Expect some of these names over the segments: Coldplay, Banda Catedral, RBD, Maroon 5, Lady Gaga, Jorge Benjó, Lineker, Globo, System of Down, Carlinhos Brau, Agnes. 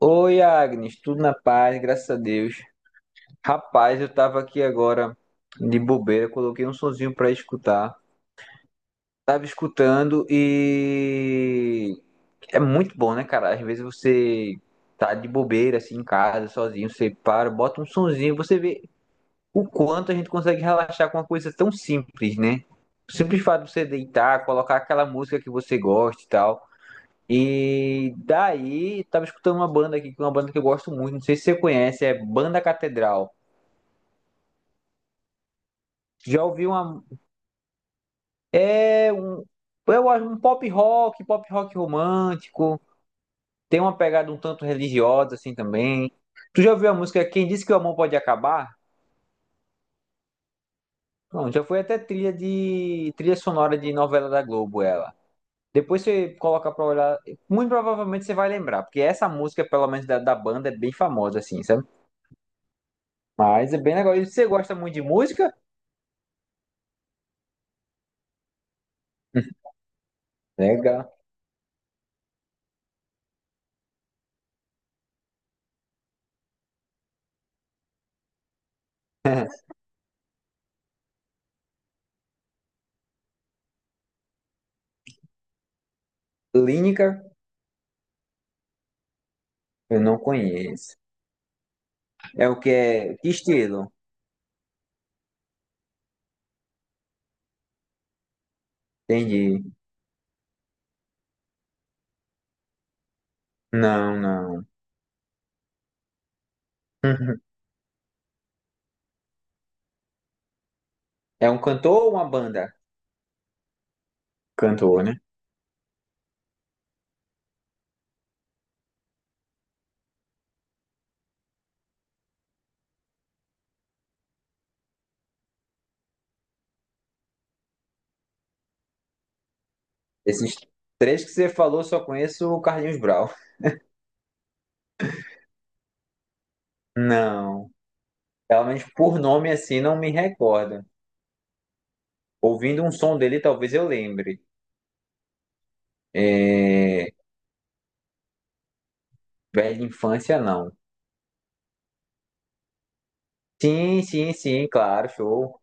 Oi, Agnes, tudo na paz, graças a Deus. Rapaz, eu tava aqui agora de bobeira, coloquei um sonzinho pra escutar. Tava escutando e é muito bom, né, cara? Às vezes você tá de bobeira assim em casa, sozinho, você para, bota um sonzinho, você vê o quanto a gente consegue relaxar com uma coisa tão simples, né? O simples fato de você deitar, colocar aquela música que você gosta e tal. E daí, tava escutando uma banda aqui, que é uma banda que eu gosto muito, não sei se você conhece, é Banda Catedral. Já ouvi uma. É um. Eu acho um pop rock romântico. Tem uma pegada um tanto religiosa, assim também. Tu já ouviu a música Quem Disse Que o Amor Pode Acabar? Não, já foi até trilha sonora de novela da Globo, ela. Depois você coloca pra olhar. Muito provavelmente você vai lembrar, porque essa música, pelo menos da banda, é bem famosa, assim, sabe? Mas é bem legal. E você gosta muito de música? Legal. Lineker, eu não conheço. É o que é. Que estilo? Entendi. Não, não. É um cantor ou uma banda? Cantor, né? Esses três que você falou, só conheço o Carlinhos Brau. Não. Pelo menos por nome assim, não me recordo. Ouvindo um som dele, talvez eu lembre. É. Velha infância, não. Sim, sim, sim, claro, show.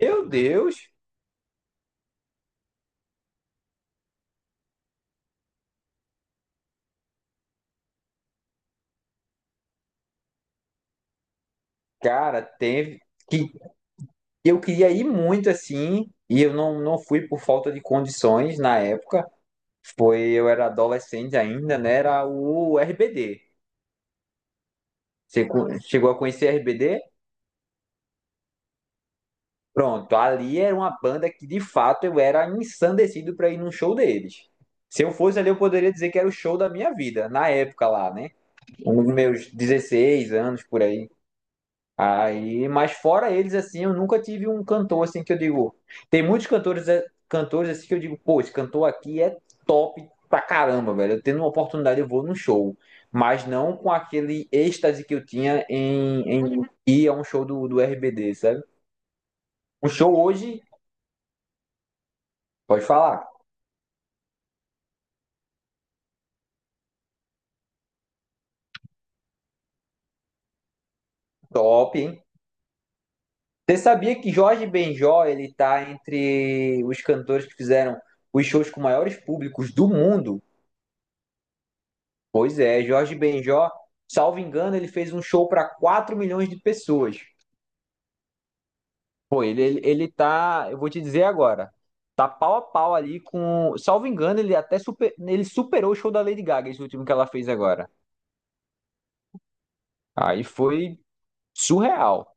Meu Deus! Cara, teve. Que Eu queria ir muito assim, e eu não fui por falta de condições na época. Foi, eu era adolescente ainda, né? Era o RBD. Você chegou a conhecer RBD? Pronto, ali era uma banda que de fato eu era ensandecido para ir num show deles. Se eu fosse ali, eu poderia dizer que era o show da minha vida, na época lá, né? Com meus 16 anos por aí. Aí, mas fora eles, assim, eu nunca tive um cantor assim que eu digo. Tem muitos cantores, é, cantores assim que eu digo, pô, esse cantor aqui é top pra caramba, velho. Eu tendo uma oportunidade, eu vou num show. Mas não com aquele êxtase que eu tinha em ir a um show do RBD, sabe? O show hoje, pode falar, top, hein? Você sabia que Jorge Benjó, ele tá entre os cantores que fizeram os shows com maiores públicos do mundo? Pois é, Jorge Benjó, salvo engano, ele fez um show para 4 milhões de pessoas. Pô, ele tá, eu vou te dizer agora, tá pau a pau ali com, salvo engano, ele superou o show da Lady Gaga, esse último que ela fez agora. Aí foi surreal.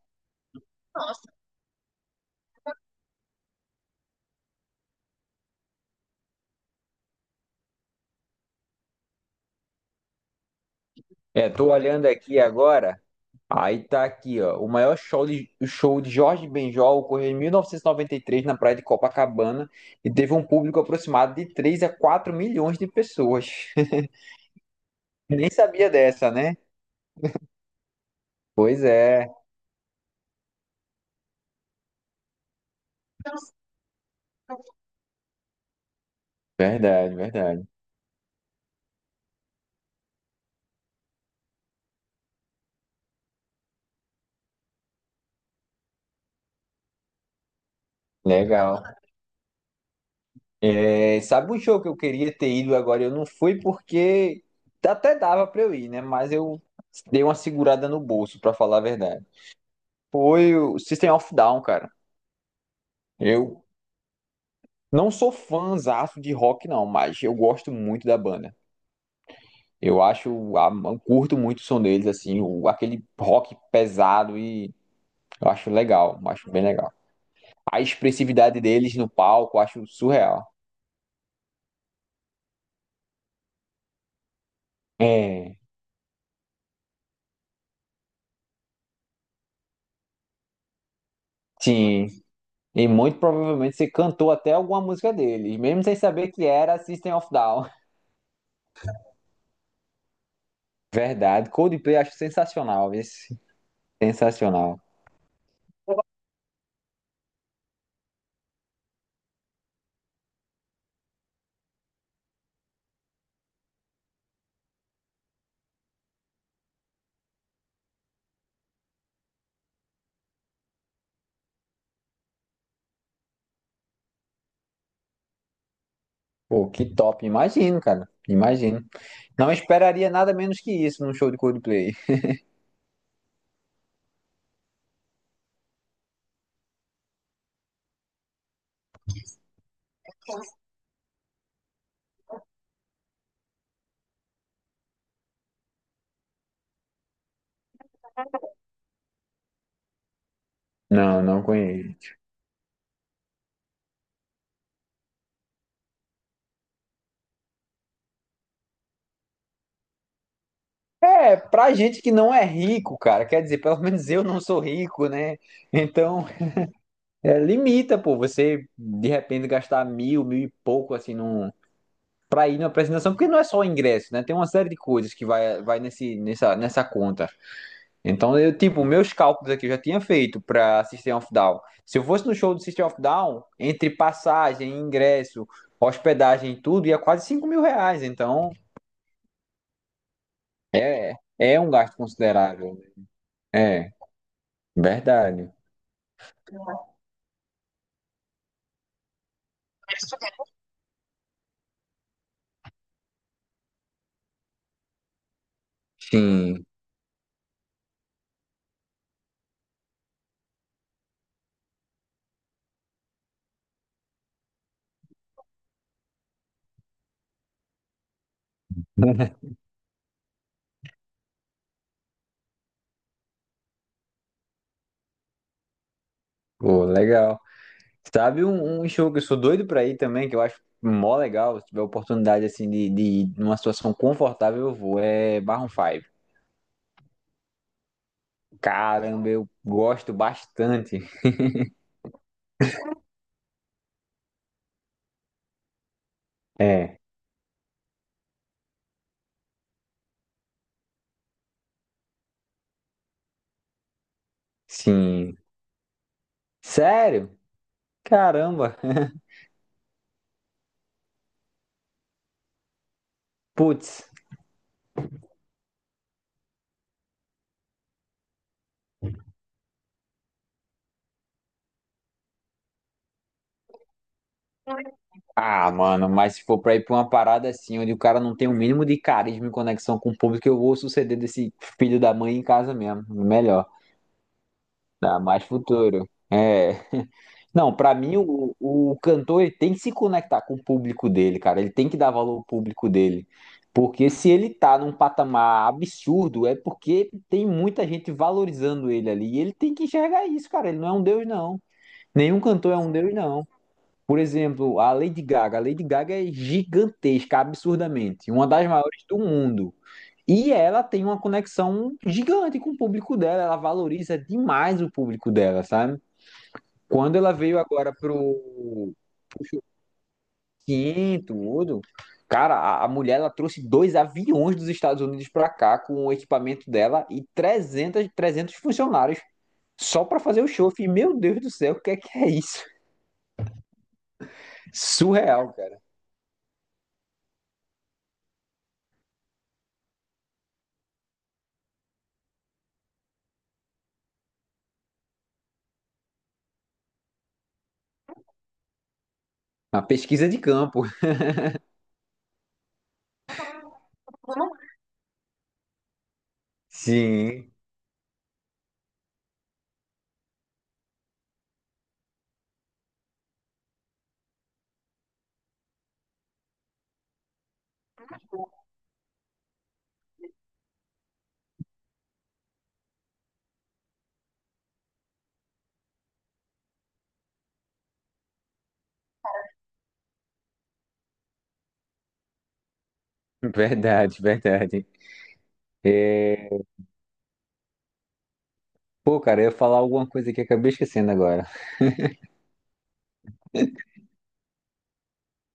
É, tô olhando aqui agora, aí tá aqui, ó, o maior o show de Jorge Benjó ocorreu em 1993 na praia de Copacabana e teve um público aproximado de 3 a 4 milhões de pessoas. Nem sabia dessa, né? Pois é, verdade, verdade. Legal. É, sabe um show que eu queria ter ido agora? Eu não fui porque até dava pra eu ir, né? Mas eu dei uma segurada no bolso, pra falar a verdade. Foi o System of Down, cara. Eu não sou fãzaço de rock, não, mas eu gosto muito da banda. Eu acho, eu curto muito o som deles, assim, aquele rock pesado e eu acho legal, eu acho bem legal. A expressividade deles no palco, eu acho surreal. É, sim. E muito provavelmente você cantou até alguma música deles, mesmo sem saber que era System of Down. Verdade, Coldplay acho sensacional, esse sensacional. Pô, que top, imagino, cara. Imagino. Não esperaria nada menos que isso num show de Coldplay. Não, não conheço. É, pra gente que não é rico, cara, quer dizer, pelo menos eu não sou rico, né? Então, é, limita, pô, você de repente gastar mil, mil e pouco, assim, para ir na apresentação, porque não é só o ingresso, né? Tem uma série de coisas que vai nesse, nessa conta. Então, eu, tipo, meus cálculos aqui eu já tinha feito para System of Down. Se eu fosse no show do System of Down, entre passagem, ingresso, hospedagem e tudo, ia quase 5 mil reais. Então, é, é um gasto considerável, né? É, verdade. Sim, pô, legal. Sabe um show que eu sou doido pra ir também, que eu acho mó legal, se tiver oportunidade assim de ir numa situação confortável, eu vou, é Maroon 5. Caramba, eu gosto bastante. É, sim. Sério? Caramba. Putz. Ah, mano, mas se for pra ir pra uma parada assim, onde o cara não tem o mínimo de carisma e conexão com o público, eu vou suceder desse filho da mãe em casa mesmo. Melhor. Dá mais futuro. É. Não, pra mim o cantor ele tem que se conectar com o público dele, cara. Ele tem que dar valor ao público dele. Porque se ele tá num patamar absurdo, é porque tem muita gente valorizando ele ali. E ele tem que enxergar isso, cara. Ele não é um deus, não. Nenhum cantor é um deus, não. Por exemplo, a Lady Gaga. A Lady Gaga é gigantesca, absurdamente. Uma das maiores do mundo. E ela tem uma conexão gigante com o público dela. Ela valoriza demais o público dela, sabe? Quando ela veio agora pro. Sim, tudo. Cara, a mulher ela trouxe dois aviões dos Estados Unidos pra cá com o equipamento dela e 300, 300 funcionários só pra fazer o show. Eu fiquei, meu Deus do céu, o que é isso? Surreal, cara. A pesquisa de campo. Sim, verdade, verdade. É, pô, cara, eu ia falar alguma coisa que eu acabei esquecendo agora.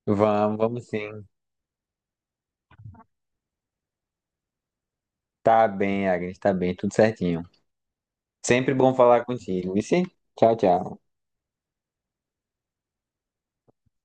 Vamos, vamos sim. Tá bem, Agnes, tá bem, tudo certinho. Sempre bom falar contigo. E sim, tchau, tchau.